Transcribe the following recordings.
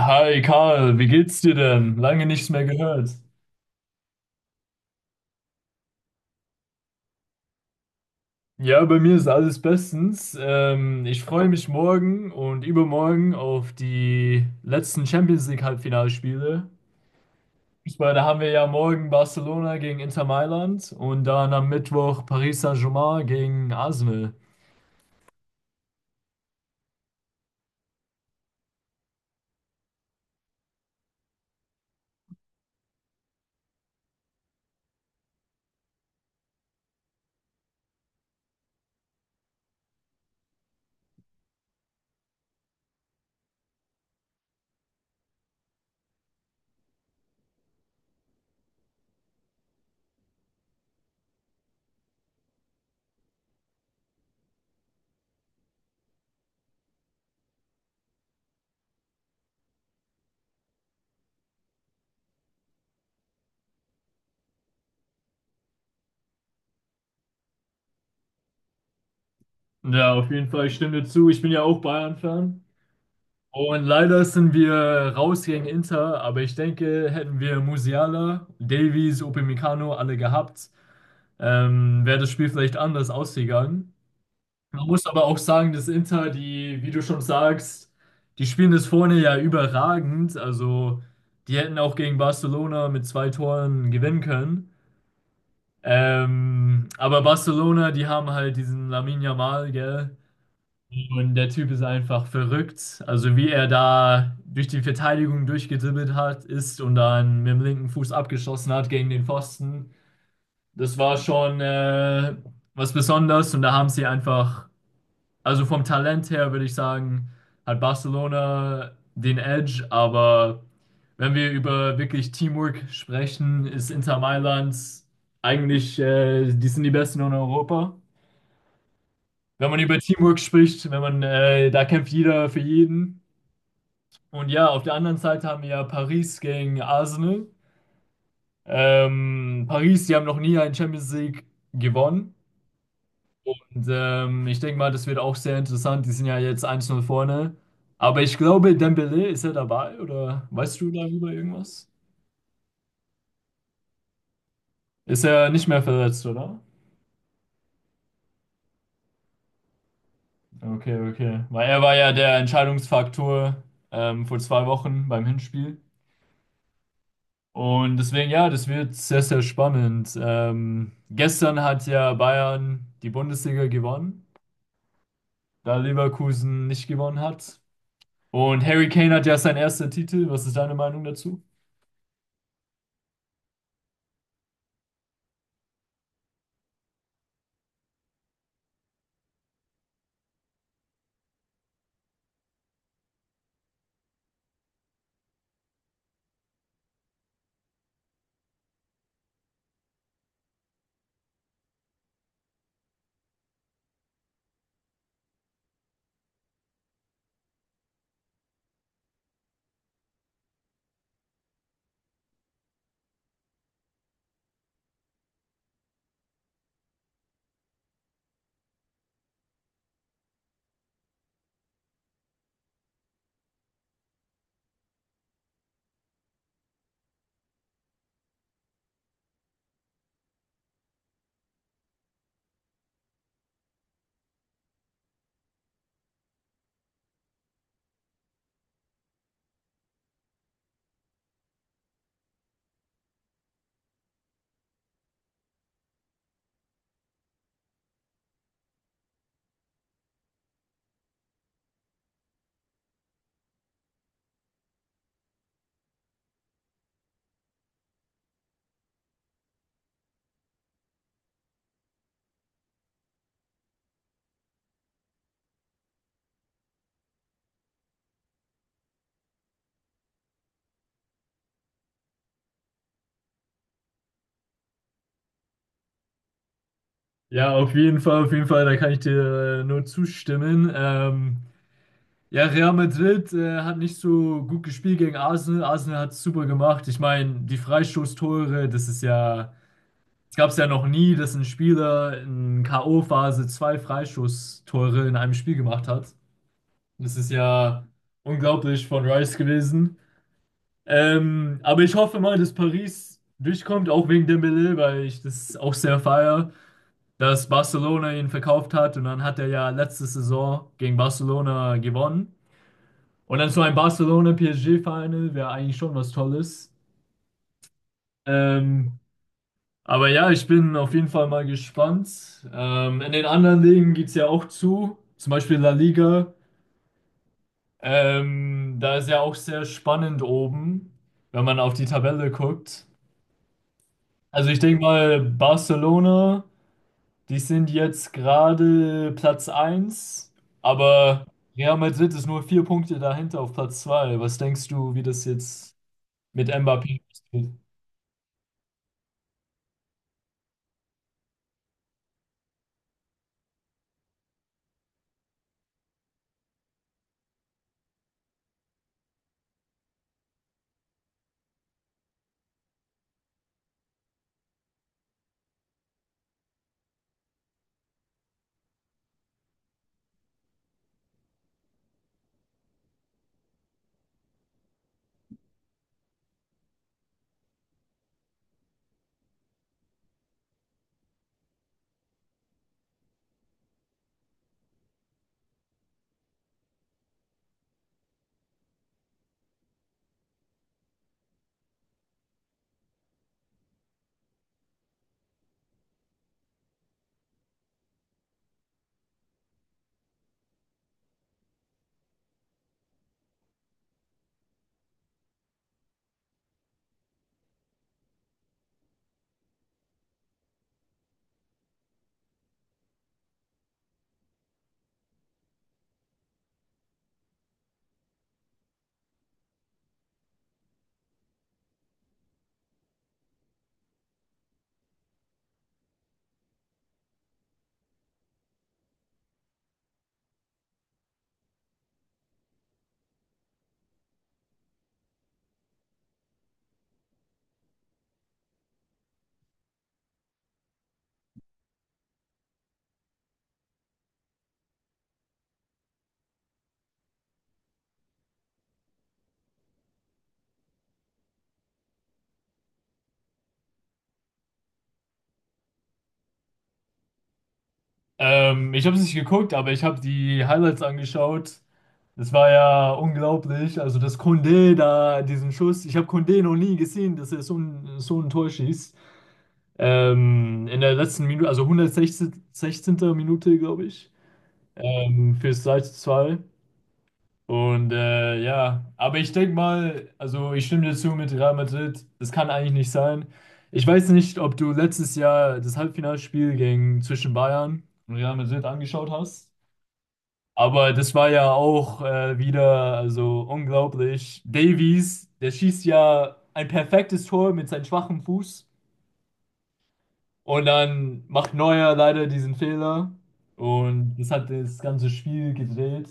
Hi Karl, wie geht's dir denn? Lange nichts mehr gehört. Ja, bei mir ist alles bestens. Ich freue mich morgen und übermorgen auf die letzten Champions League Halbfinalspiele. Fußball, da haben wir ja morgen Barcelona gegen Inter Mailand und dann am Mittwoch Paris Saint-Germain gegen Arsenal. Ja, auf jeden Fall, ich stimme dir zu. Ich bin ja auch Bayern-Fan. Und leider sind wir raus gegen Inter, aber ich denke, hätten wir Musiala, Davies, Upamecano alle gehabt, wäre das Spiel vielleicht anders ausgegangen. Man muss aber auch sagen, dass Inter, die, wie du schon sagst, die spielen das vorne ja überragend. Also die hätten auch gegen Barcelona mit 2 Toren gewinnen können. Aber Barcelona, die haben halt diesen Lamine Yamal, gell? Und der Typ ist einfach verrückt. Also wie er da durch die Verteidigung durchgedribbelt hat, ist und dann mit dem linken Fuß abgeschossen hat gegen den Pfosten. Das war schon was Besonderes, und da haben sie einfach, also vom Talent her würde ich sagen, hat Barcelona den Edge, aber wenn wir über wirklich Teamwork sprechen, ist Inter Mailand eigentlich, die sind die Besten in Europa. Wenn man über Teamwork spricht, wenn man, da kämpft jeder für jeden. Und ja, auf der anderen Seite haben wir ja Paris gegen Arsenal. Paris, die haben noch nie einen Champions League gewonnen. Und, ich denke mal, das wird auch sehr interessant. Die sind ja jetzt 1-0 vorne. Aber ich glaube, Dembélé, ist er dabei oder weißt du darüber irgendwas? Ist er nicht mehr verletzt, oder? Okay, okay. Weil er war ja der Entscheidungsfaktor vor 2 Wochen beim Hinspiel. Und deswegen, ja, das wird sehr, sehr spannend. Gestern hat ja Bayern die Bundesliga gewonnen, da Leverkusen nicht gewonnen hat. Und Harry Kane hat ja seinen ersten Titel. Was ist deine Meinung dazu? Ja, auf jeden Fall, da kann ich dir nur zustimmen. Ja, Real Madrid hat nicht so gut gespielt gegen Arsenal. Arsenal hat es super gemacht. Ich meine, die Freistoßtore, das ist ja, das gab es ja noch nie, dass ein Spieler in K.O.-Phase zwei Freistoßtore in einem Spiel gemacht hat. Das ist ja unglaublich von Rice gewesen. Aber ich hoffe mal, dass Paris durchkommt, auch wegen Dembélé, weil ich das auch sehr feiere, dass Barcelona ihn verkauft hat und dann hat er ja letzte Saison gegen Barcelona gewonnen. Und dann so ein Barcelona-PSG-Final wäre eigentlich schon was Tolles. Ähm, aber ja, ich bin auf jeden Fall mal gespannt. In den anderen Ligen geht es ja auch zu, zum Beispiel La Liga. Da ist ja auch sehr spannend oben, wenn man auf die Tabelle guckt. Also ich denke mal, Barcelona. Die sind jetzt gerade Platz eins, aber Real Madrid ist nur vier Punkte dahinter auf Platz 2. Was denkst du, wie das jetzt mit Mbappé geht? Ich habe es nicht geguckt, aber ich habe die Highlights angeschaut. Das war ja unglaublich. Also, dass Koundé da diesen Schuss, ich habe Koundé noch nie gesehen, dass er so ein Tor schießt. In der letzten Minute, also 116. Minute, glaube ich, fürs 3 zu 2. Und ja, aber ich denke mal, also ich stimme dir zu mit Real Madrid, das kann eigentlich nicht sein. Ich weiß nicht, ob du letztes Jahr das Halbfinalspiel gegen zwischen Bayern und Real Madrid angeschaut hast, aber das war ja auch wieder also unglaublich. Davies, der schießt ja ein perfektes Tor mit seinem schwachen Fuß und dann macht Neuer leider diesen Fehler und das hat das ganze Spiel gedreht.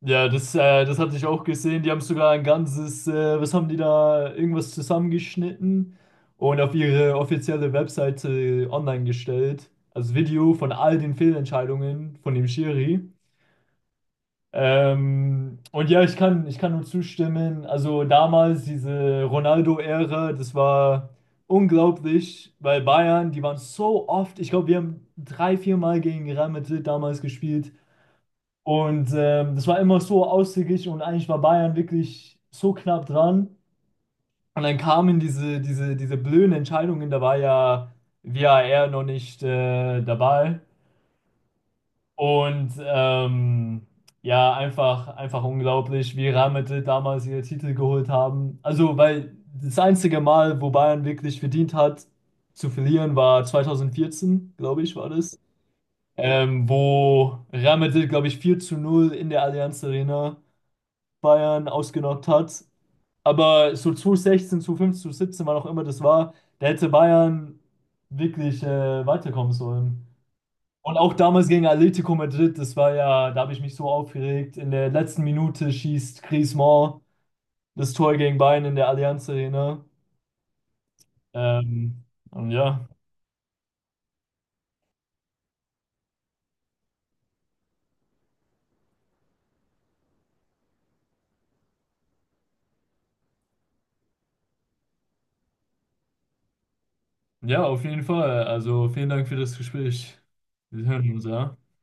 Ja, das, das hatte ich auch gesehen. Die haben sogar ein ganzes, was haben die da, irgendwas zusammengeschnitten und auf ihre offizielle Webseite online gestellt. Also Video von all den Fehlentscheidungen von dem Schiri. Und ja, ich kann nur zustimmen. Also damals diese Ronaldo-Ära, das war unglaublich, weil Bayern, die waren so oft, ich glaube, wir haben drei, vier Mal gegen Real Madrid damals gespielt. Und das war immer so ausgeglichen und eigentlich war Bayern wirklich so knapp dran. Und dann kamen diese blöden Entscheidungen, da war ja VAR noch nicht dabei. Und ja, einfach, einfach unglaublich, wie Real Madrid damals ihre Titel geholt haben. Also, weil das einzige Mal, wo Bayern wirklich verdient hat, zu verlieren, war 2014, glaube ich, war das. Wo Real Madrid, glaube ich, 4 zu 0 in der Allianz Arena Bayern ausgenockt hat. Aber so 2016, 2015, 2017, wann auch immer das war, da hätte Bayern wirklich weiterkommen sollen. Und auch damals gegen Atlético Madrid, das war ja, da habe ich mich so aufgeregt. In der letzten Minute schießt Griezmann das Tor gegen Bayern in der Allianz Arena. Ähm, und ja, ja, auf jeden Fall. Also vielen Dank für das Gespräch. Wir hören uns, ja.